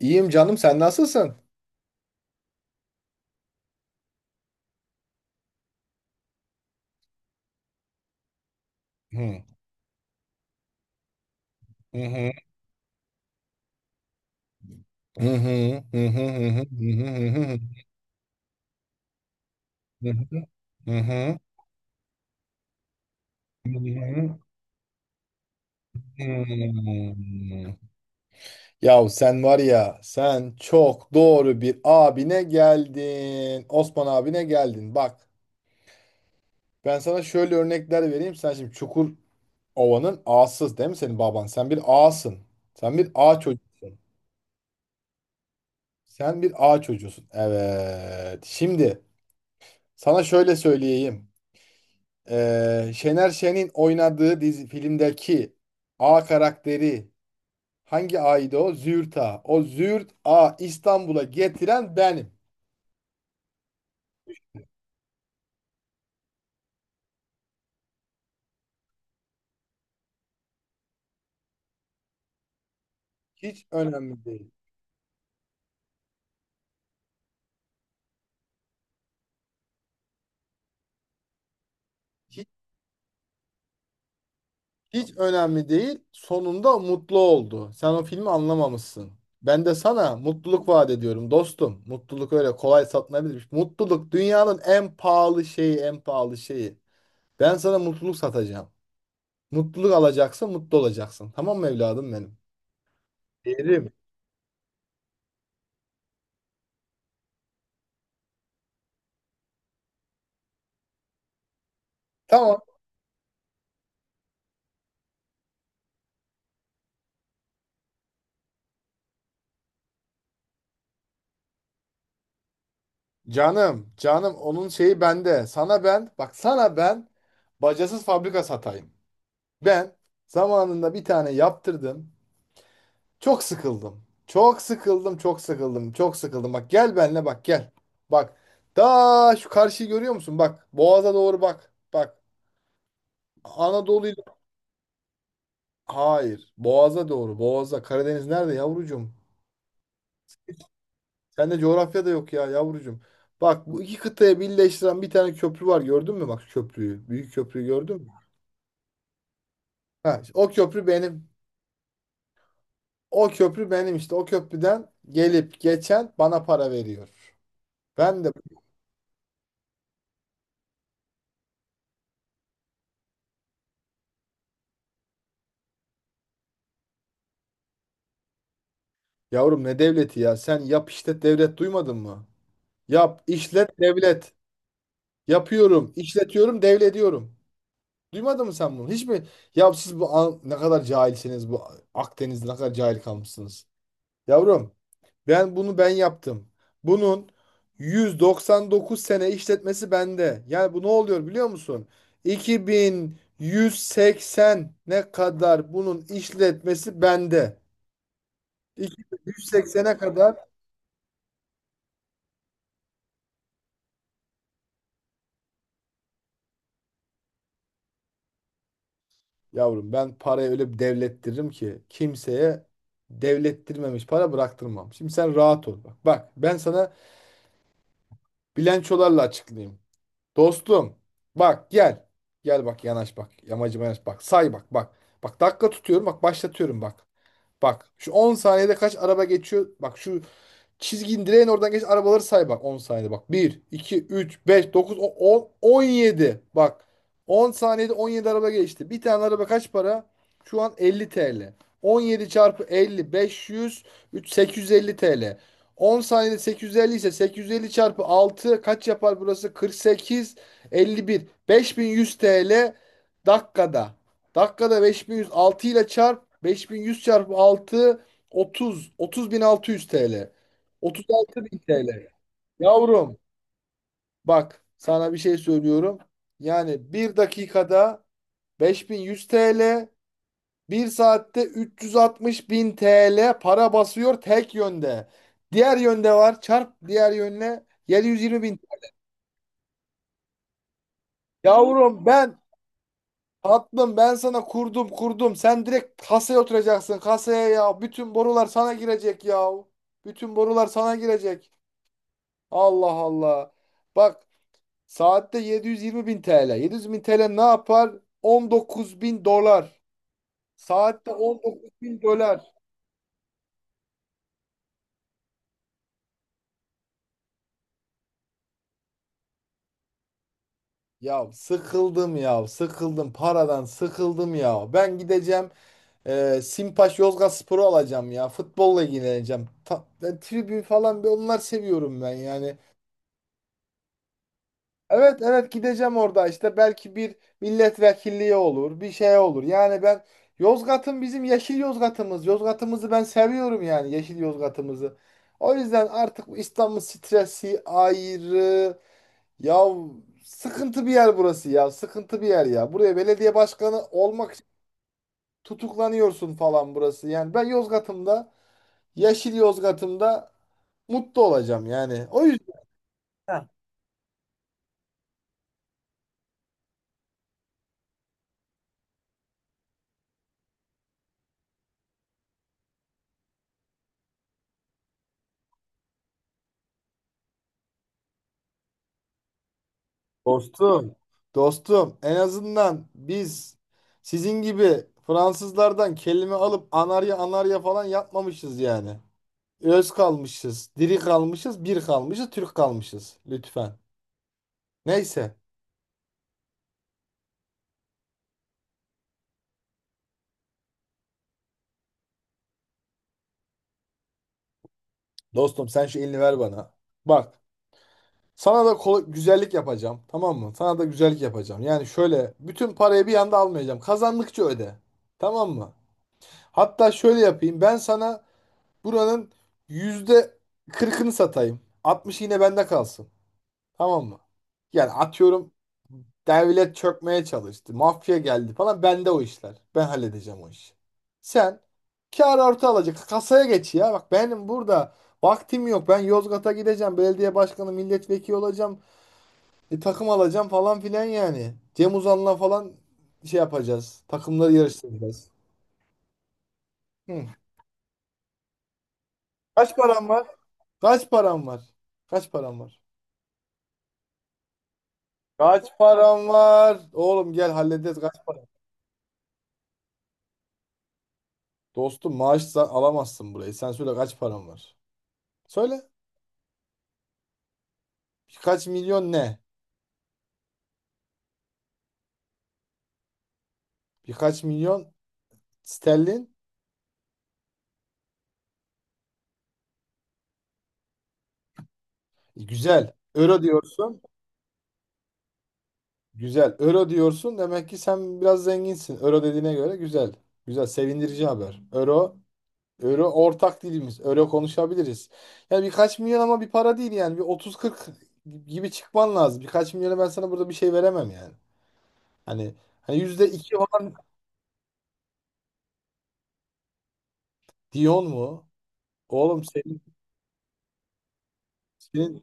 İyiyim canım, sen nasılsın? Hı hı hı hı hı hı hı hı hı hı hı. Yahu sen var ya, sen çok doğru bir abine geldin. Osman abine geldin. Bak, ben sana şöyle örnekler vereyim. Sen şimdi Çukurova'nın ağasız değil mi senin baban? Sen bir ağasın. Sen bir ağ çocuğusun. Sen bir ağ çocuğusun. Evet. Şimdi sana şöyle söyleyeyim. Şener Şen'in oynadığı dizi filmdeki A karakteri, hangi A'ydı o? Züğürt A. O Züğürt A İstanbul'a getiren benim. Hiç önemli değil. Hiç, hiç önemli değil. Sonunda mutlu oldu. Sen o filmi anlamamışsın. Ben de sana mutluluk vaat ediyorum dostum. Mutluluk öyle kolay satılabilir. Mutluluk dünyanın en pahalı şeyi, en pahalı şeyi. Ben sana mutluluk satacağım. Mutluluk alacaksın, mutlu olacaksın. Tamam mı evladım benim? Yerim. Tamam. Canım, canım onun şeyi bende. Sana ben, bak sana ben bacasız fabrika satayım. Ben zamanında bir tane yaptırdım. Çok sıkıldım. Çok sıkıldım, çok sıkıldım, çok sıkıldım. Bak gel benle, bak gel. Bak, daha şu karşıyı görüyor musun? Bak, Boğaz'a doğru bak. Bak, Anadolu ile... Hayır. Boğaz'a doğru. Boğaz'a. Karadeniz nerede yavrucuğum? Sende coğrafya da yok ya yavrucuğum. Bak, bu iki kıtayı birleştiren bir tane köprü var, gördün mü? Bak şu köprüyü. Büyük köprüyü gördün mü? Ha, o köprü benim. O köprü benim işte. O köprüden gelip geçen bana para veriyor. Ben de. Yavrum, ne devleti ya? Sen yap işlet devlet duymadın mı? Yap işlet devlet. Yapıyorum, işletiyorum, devrediyorum. Duymadın mı sen bunu? Hiç mi? Ya siz ne kadar cahilsiniz, bu Akdeniz'de ne kadar cahil kalmışsınız. Yavrum, ben bunu ben yaptım. Bunun 199 sene işletmesi bende. Yani bu ne oluyor biliyor musun? 2180 ne kadar bunun işletmesi bende. 2180'e kadar. Yavrum, ben parayı öyle bir devlettiririm ki kimseye devlettirmemiş para bıraktırmam. Şimdi sen rahat ol, bak. Bak, ben sana bilançolarla açıklayayım. Dostum, bak gel. Gel bak, yanaş bak. Yamacıma yanaş bak. Say bak, bak. Bak, dakika tutuyorum bak, başlatıyorum bak. Bak şu 10 saniyede kaç araba geçiyor. Bak şu çizgin, indireyin oradan geç, arabaları say bak, 10 saniyede bak. Bir, iki, üç, beş, dokuz, on, on yedi. Bak, 10 saniyede 17 araba geçti. Bir tane araba kaç para? Şu an 50 TL. Yedi çarpı 50 500 3 850 TL. 10 saniyede 850 ise, 850 çarpı 6 kaç yapar burası? 48, 51, 5100 TL dakikada. Dakikada 5100, 6 ile çarp. 5100 çarpı 6, 30, 30600 TL. 36 bin TL. Yavrum, bak sana bir şey söylüyorum. Yani bir dakikada 5100 TL, bir saatte 360 bin TL para basıyor tek yönde. Diğer yönde var, çarp diğer yönüne, 720 bin. Yavrum ben, tatlım ben sana kurdum kurdum. Sen direkt kasaya oturacaksın, kasaya ya. Bütün borular sana girecek ya. Bütün borular sana girecek. Allah Allah. Bak, saatte 720 bin TL. 700 bin TL ne yapar? 19 bin dolar. Saatte 19 bin dolar. Ya sıkıldım, ya sıkıldım, paradan sıkıldım ya. Ben gideceğim, Simpaş Yozgatspor'u alacağım ya. Futbolla ilgileneceğim. Ta, ben tribün falan bir, onlar seviyorum ben yani. Evet evet, gideceğim orada işte, belki bir milletvekilliği olur, bir şey olur. Yani ben Yozgat'ın bizim yeşil Yozgat'ımız. Yozgat'ımızı ben seviyorum yani, yeşil Yozgat'ımızı. O yüzden artık bu İstanbul stresi ayrı. Ya, sıkıntı bir yer burası, ya sıkıntı bir yer ya. Buraya belediye başkanı olmak için tutuklanıyorsun falan, burası. Yani ben Yozgat'ımda, yeşil Yozgat'ımda mutlu olacağım yani. O yüzden. Dostum, dostum, en azından biz sizin gibi Fransızlardan kelime alıp anarya anarya falan yapmamışız yani. Öz kalmışız, diri kalmışız, bir kalmışız, Türk kalmışız. Lütfen. Neyse. Dostum, sen şu elini ver bana. Bak, sana da güzellik yapacağım. Tamam mı? Sana da güzellik yapacağım. Yani şöyle, bütün parayı bir anda almayacağım. Kazandıkça öde. Tamam mı? Hatta şöyle yapayım. Ben sana buranın yüzde 40'ını satayım. 60 yine bende kalsın. Tamam mı? Yani atıyorum devlet çökmeye çalıştı, mafya geldi falan. Bende o işler. Ben halledeceğim o işi. Sen kâr artı alacak. Kasaya geç ya. Bak, benim burada vaktim yok. Ben Yozgat'a gideceğim. Belediye başkanı, milletvekili olacağım. Takım alacağım falan filan yani. Cem Uzan'la falan şey yapacağız. Takımları yarıştıracağız. Hı. Kaç param var? Kaç param var? Kaç param var? Kaç param var? Oğlum gel, hallederiz kaç para. Dostum, alamazsın burayı. Sen söyle, kaç param var? Söyle. Birkaç milyon ne? Birkaç milyon sterlin. Güzel. Euro diyorsun. Güzel. Euro diyorsun. Demek ki sen biraz zenginsin. Euro dediğine göre güzel. Güzel. Sevindirici haber. Euro. Euro ortak dilimiz. Euro konuşabiliriz. Yani birkaç milyon ama bir para değil yani. Bir otuz kırk gibi çıkman lazım. Birkaç milyona ben sana burada bir şey veremem yani. Hani, %2 falan. Dion mu? Oğlum senin, senin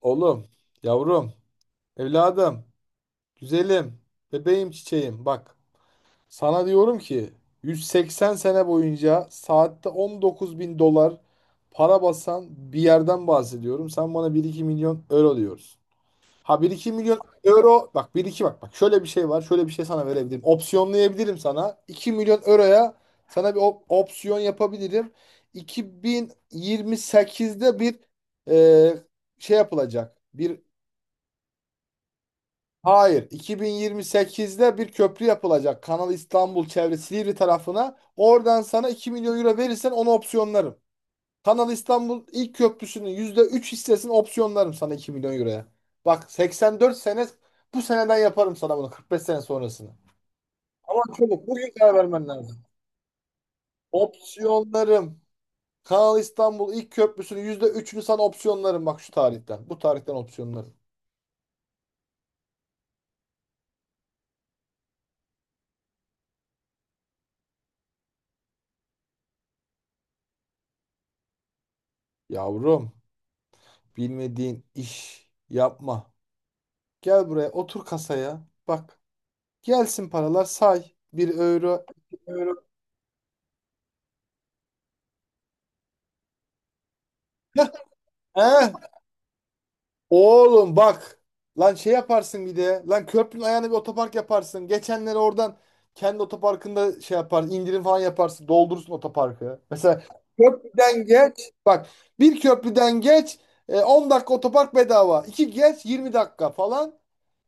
oğlum, yavrum, evladım, güzelim, bebeğim, çiçeğim. Bak, sana diyorum ki 180 sene boyunca saatte 19 bin dolar para basan bir yerden bahsediyorum. Sen bana bir 2 milyon euro diyorsun. Ha, bir iki milyon euro, bak bir iki, bak şöyle bir şey var, şöyle bir şey sana verebilirim. Opsiyonlayabilirim sana. 2 milyon euroya sana bir opsiyon yapabilirim. 2028'de bir, e, şey yapılacak. Hayır, 2028'de bir köprü yapılacak. Kanal İstanbul çevresi, Silivri tarafına. Oradan sana 2 milyon euro verirsen onu opsiyonlarım. Kanal İstanbul ilk köprüsünün %3 hissesini opsiyonlarım sana, 2 milyon euroya. Bak, 84 sene, bu seneden yaparım sana bunu, 45 sene sonrasını. Ama çabuk, bugün karar vermen lazım. Opsiyonlarım. Kanal İstanbul ilk köprüsünün %3'ünü sana opsiyonlarım bak, şu tarihten. Bu tarihten opsiyonlarım. Yavrum, bilmediğin iş yapma. Gel buraya, otur kasaya. Bak, gelsin paralar, say. Bir euro. İki euro. He? Oğlum bak. Lan şey yaparsın bir de. Lan, köprünün ayağına bir otopark yaparsın. Geçenleri oradan kendi otoparkında şey yapar, indirim falan yaparsın. Doldurursun otoparkı. Mesela köprüden geç. Bak, bir köprüden geç. 10 dakika otopark bedava. İki geç, 20 dakika falan.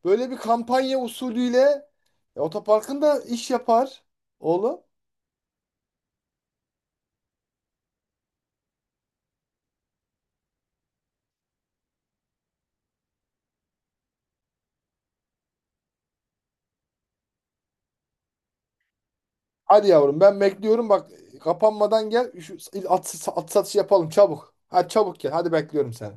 Böyle bir kampanya usulüyle otoparkın da iş yapar oğlum. Hadi yavrum, ben bekliyorum bak, kapanmadan gel şu at satışı yapalım çabuk. Hadi çabuk gel, hadi bekliyorum seni.